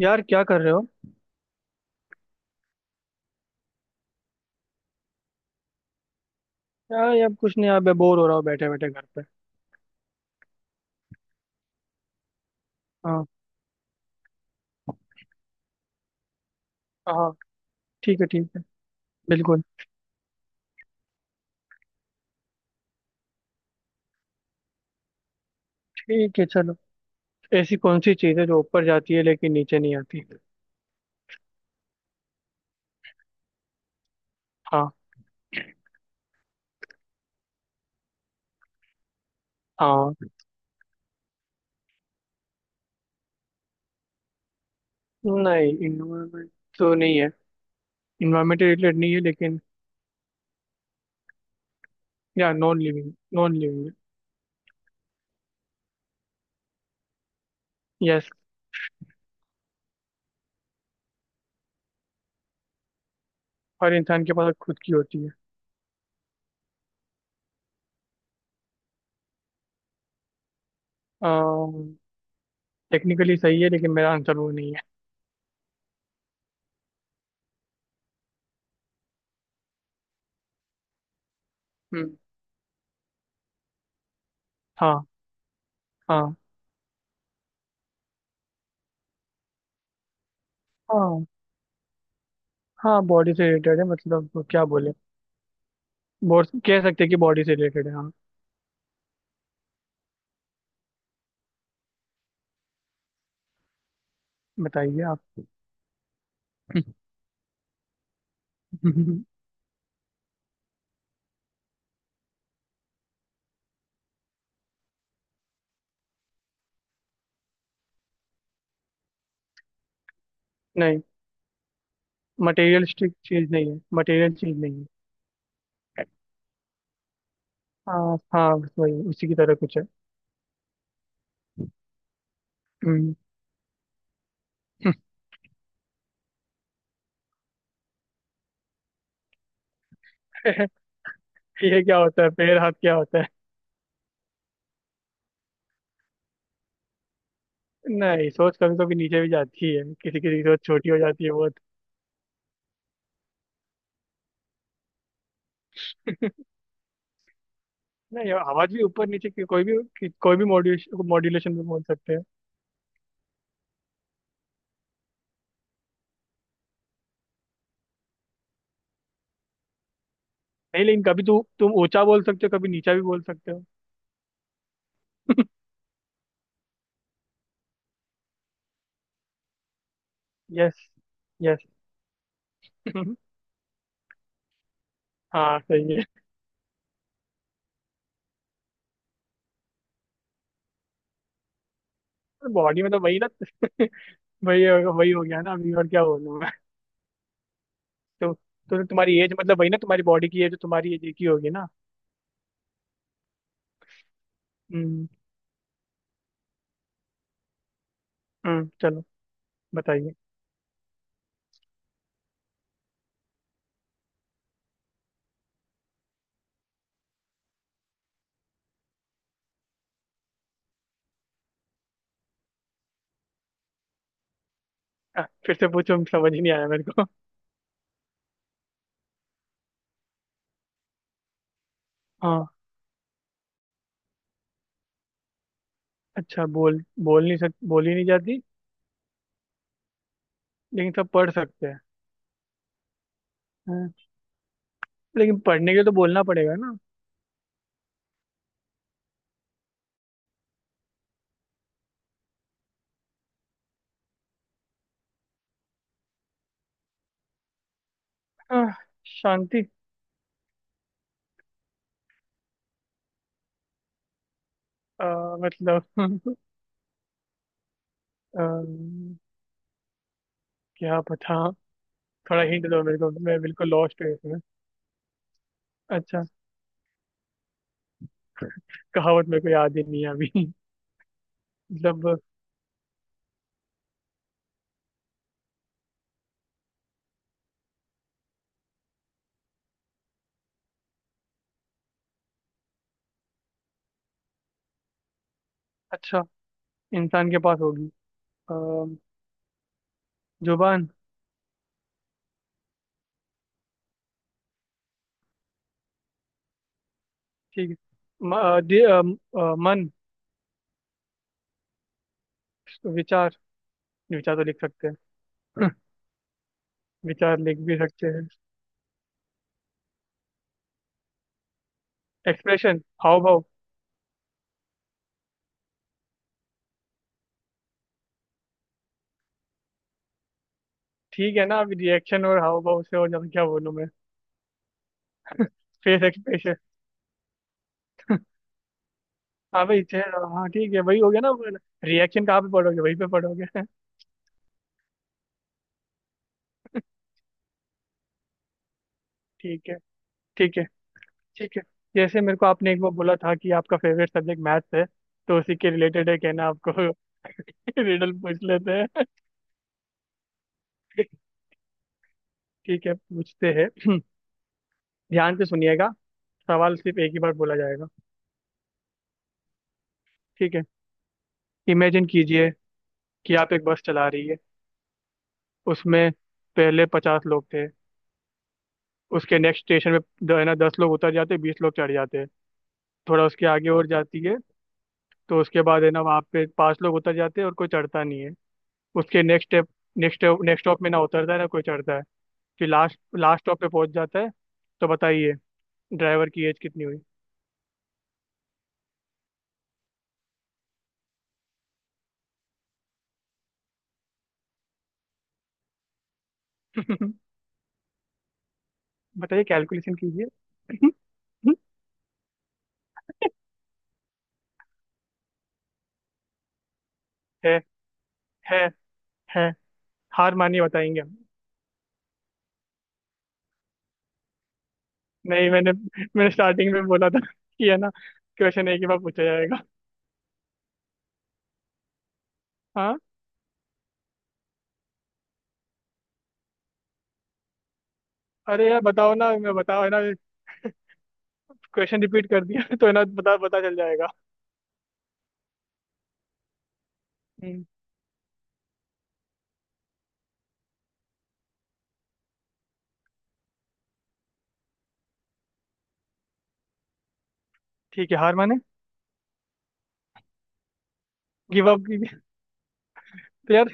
यार क्या कर रहे हो? यार यार कुछ नहीं, यार मैं बोर हो रहा हूँ बैठे बैठे घर पे। हाँ। हाँ। ठीक है, ठीक है। बिल्कुल। ठीक है, चलो। ऐसी कौन सी चीज़ है जो ऊपर जाती है लेकिन नीचे नहीं आती? हाँ। हाँ। नहीं, इन्वायरमेंट तो नहीं है। इन्वायरमेंट रिलेटेड नहीं है, लेकिन या non living, non living. Yes. हर इंसान के पास खुद की होती है। टेक्निकली सही है, लेकिन मेरा आंसर वो नहीं है। हम्म, हाँ। हाँ। हाँ। हाँ, बॉडी से रिलेटेड है, मतलब क्या बोले? बोल कह सकते हैं कि बॉडी से रिलेटेड है, हाँ। बताइए आप। नहीं, मटेरियलिस्टिक चीज नहीं है, मटेरियल चीज नहीं है। हाँ हाँ, बस वही, उसी की तरह कुछ है। हम्म। ये क्या होता है पैर हाथ क्या होता है? नहीं, सोच कभी कभी नीचे भी जाती है, किसी किसी की सोच छोटी हो जाती है बहुत। नहीं, आवाज भी ऊपर नीचे की- कोई भी मॉड्यूलेशन, मॉड्यूलेशन में बोल सकते हैं। नहीं, लेकिन कभी तू तुम ऊंचा बोल सकते हो, कभी नीचा भी बोल सकते हो। यस। यस। हाँ सही है। बॉडी में तो वही ना। वही वही हो गया ना अभी, और क्या बोलूं? तो तो तुम्हारी एज मतलब वही ना, तुम्हारी बॉडी की एज तुम्हारी एज की होगी ना। हम्म। हम्म, चलो। बताइए। फिर से पूछो, समझ ही नहीं आया मेरे को। हाँ। अच्छा, बोल बोल नहीं सक बोल ही नहीं जाती, लेकिन सब पढ़ सकते हैं। हाँ, लेकिन पढ़ने के लिए तो बोलना पड़ेगा ना। आह, शांति। अ, मतलब। अम्म, क्या पता। थोड़ा हिंट दो मेरे को, मैं बिल्कुल लॉस्ट हूँ इसमें। अच्छा। कहावत मेरे को याद ही नहीं है अभी। मतलब। अच्छा, इंसान के पास होगी। अम्म, जुबान। ठीक है। म, अ, दि- अ, म, अ, मन। विचार। विचार तो लिख सकते हैं। विचार लिख भी सकते हैं। एक्सप्रेशन, हाव भाव। ठीक है ना, अभी रिएक्शन और हाव भाव से और ज्यादा क्या बोलूं मैं? Face expression. हाँ भाई, चेहरा, हाँ ठीक है वही हो गया ना। रिएक्शन कहाँ पे पढ़ोगे, वहीं पे पढ़ोगे। ठीक है। ठीक है। ठीक है। जैसे मेरे को आपने एक बार बोला था कि आपका फेवरेट सब्जेक्ट मैथ्स है, तो उसी के रिलेटेड है कहना आपको। रिडल पूछ लेते हैं। ठीक है, पूछते हैं। ध्यान से सुनिएगा। सवाल सिर्फ एक ही बार बोला जाएगा। ठीक है। इमेजिन कीजिए कि आप एक बस चला रही है। उसमें पहले 50 लोग थे। उसके नेक्स्ट स्टेशन पे द- है ना, 10 लोग उतर जाते, 20 लोग चढ़ जाते हैं। थोड़ा उसके आगे और जाती है, तो उसके बाद है ना वहाँ पे 5 लोग उतर जाते हैं और कोई चढ़ता नहीं है। उसके next step next next stop में ना उतरता है ना कोई चढ़ता है। फिर लास्ट लास्ट स्टॉप पे पहुंच जाता है। तो बताइए, ड्राइवर की एज कितनी हुई? बताइए, कैलकुलेशन कीजिए। है, है, है। हार मानिए, बताएंगे हम। नहीं, मैंने मैंने स्टार्टिंग में बोला था कि है ना, क्वेश्चन एक ही बार पूछा जाएगा। हाँ। अरे यार बताओ ना, मैं बताओ है ना, क्वेश्चन रिपीट कर दिया तो है ना पता पता चल जाएगा। हम्म, ठीक है, हार माने, गिव अप। तो यार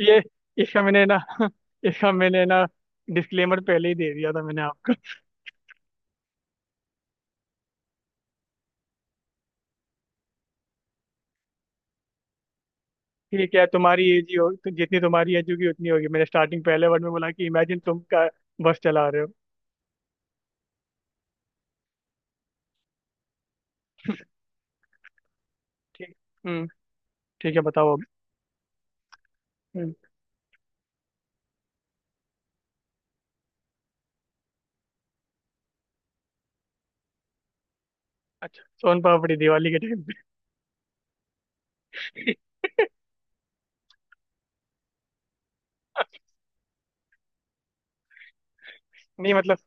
ये, इसका मैंने ना इसका मैंने ना डिस्क्लेमर पहले ही दे दिया था मैंने आपको। ठीक है, तुम्हारी एज ही हो, तो जितनी तुम्हारी एज होगी उतनी होगी। मैंने स्टार्टिंग पहले वर्ड में बोला कि इमेजिन, तुम का बस चला रहे हो। ठीक। हम्म। ठीक है, बताओ अब। हम्म। अच्छा, सोन पापड़ी दिवाली के टाइम पे। नहीं मतलब,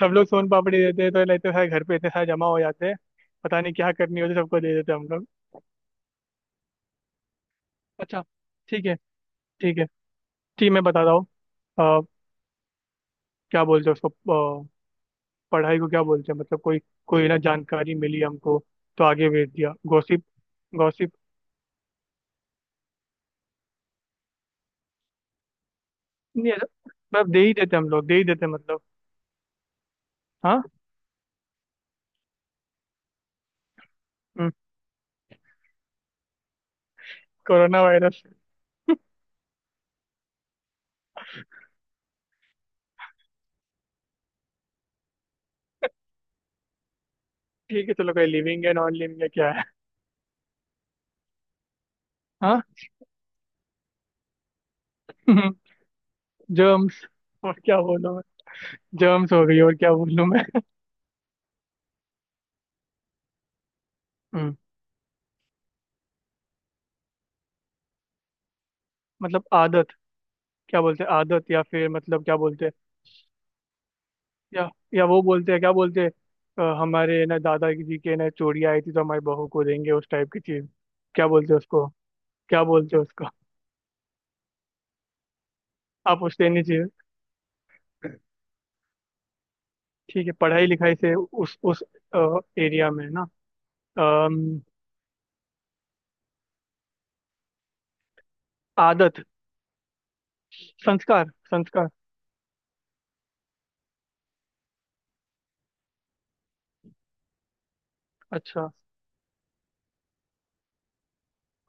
सब लोग सोन पापड़ी देते हैं तो लेते सारे, घर पे इतने सारे जमा हो जाते हैं, पता नहीं क्या करनी होती है, सबको दे देते हैं हम लोग। अच्छा। ठीक है। ठीक है। ठीक, मैं बताता हूँ। अ, क्या बोलते हैं उसको? अ, पढ़ाई को क्या बोलते हैं? मतलब कोई कोई ना जानकारी मिली हमको, तो आगे भेज दिया, गॉसिप। गॉसिप। नहीं ऐसा-, मतलब दे ही देते हैं हम लोग, दे ही देते हैं मतलब। हाँ। हम्म, कोरोना वायरस। ठीक है चलो, कोई लिविंग है, नॉन लिविंग है, क्या है? हाँ। जर्म्स। और क्या बोलूं मैं? जर्म्स हो गई, और क्या बोलूं मैं? हम्म, मतलब आदत? क्या बोलते हैं, आदत या फिर मतलब क्या बोलते हैं? या वो बोलते हैं क्या बोलते हैं, हमारे ना दादाजी के ना चोरी आई थी तो हमारी बहू को देंगे उस टाइप की चीज, क्या बोलते हैं उसको? क्या बोलते हैं उसको? आप उससे नहीं चीज। ठीक है, पढ़ाई लिखाई से उस एरिया में ना। अम, आदत, संस्कार, संस्कार। अच्छा।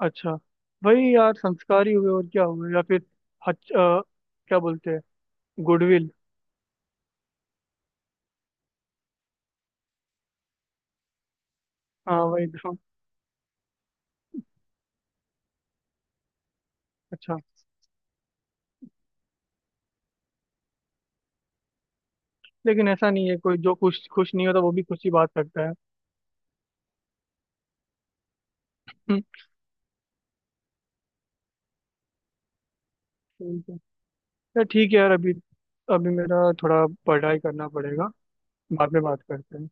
अच्छा, वही यार, संस्कार ही हुए और क्या हुए, या फिर हच, अ, क्या बोलते हैं, गुडविल? हाँ वही तो। अच्छा, लेकिन ऐसा नहीं है, कोई जो खुश खुश नहीं होता वो भी खुशी बांट सकता है। हम्म, ठीक है यार, ठीक है यार, अभी अभी मेरा थोड़ा पढ़ाई करना पड़ेगा, बाद में बात करते हैं।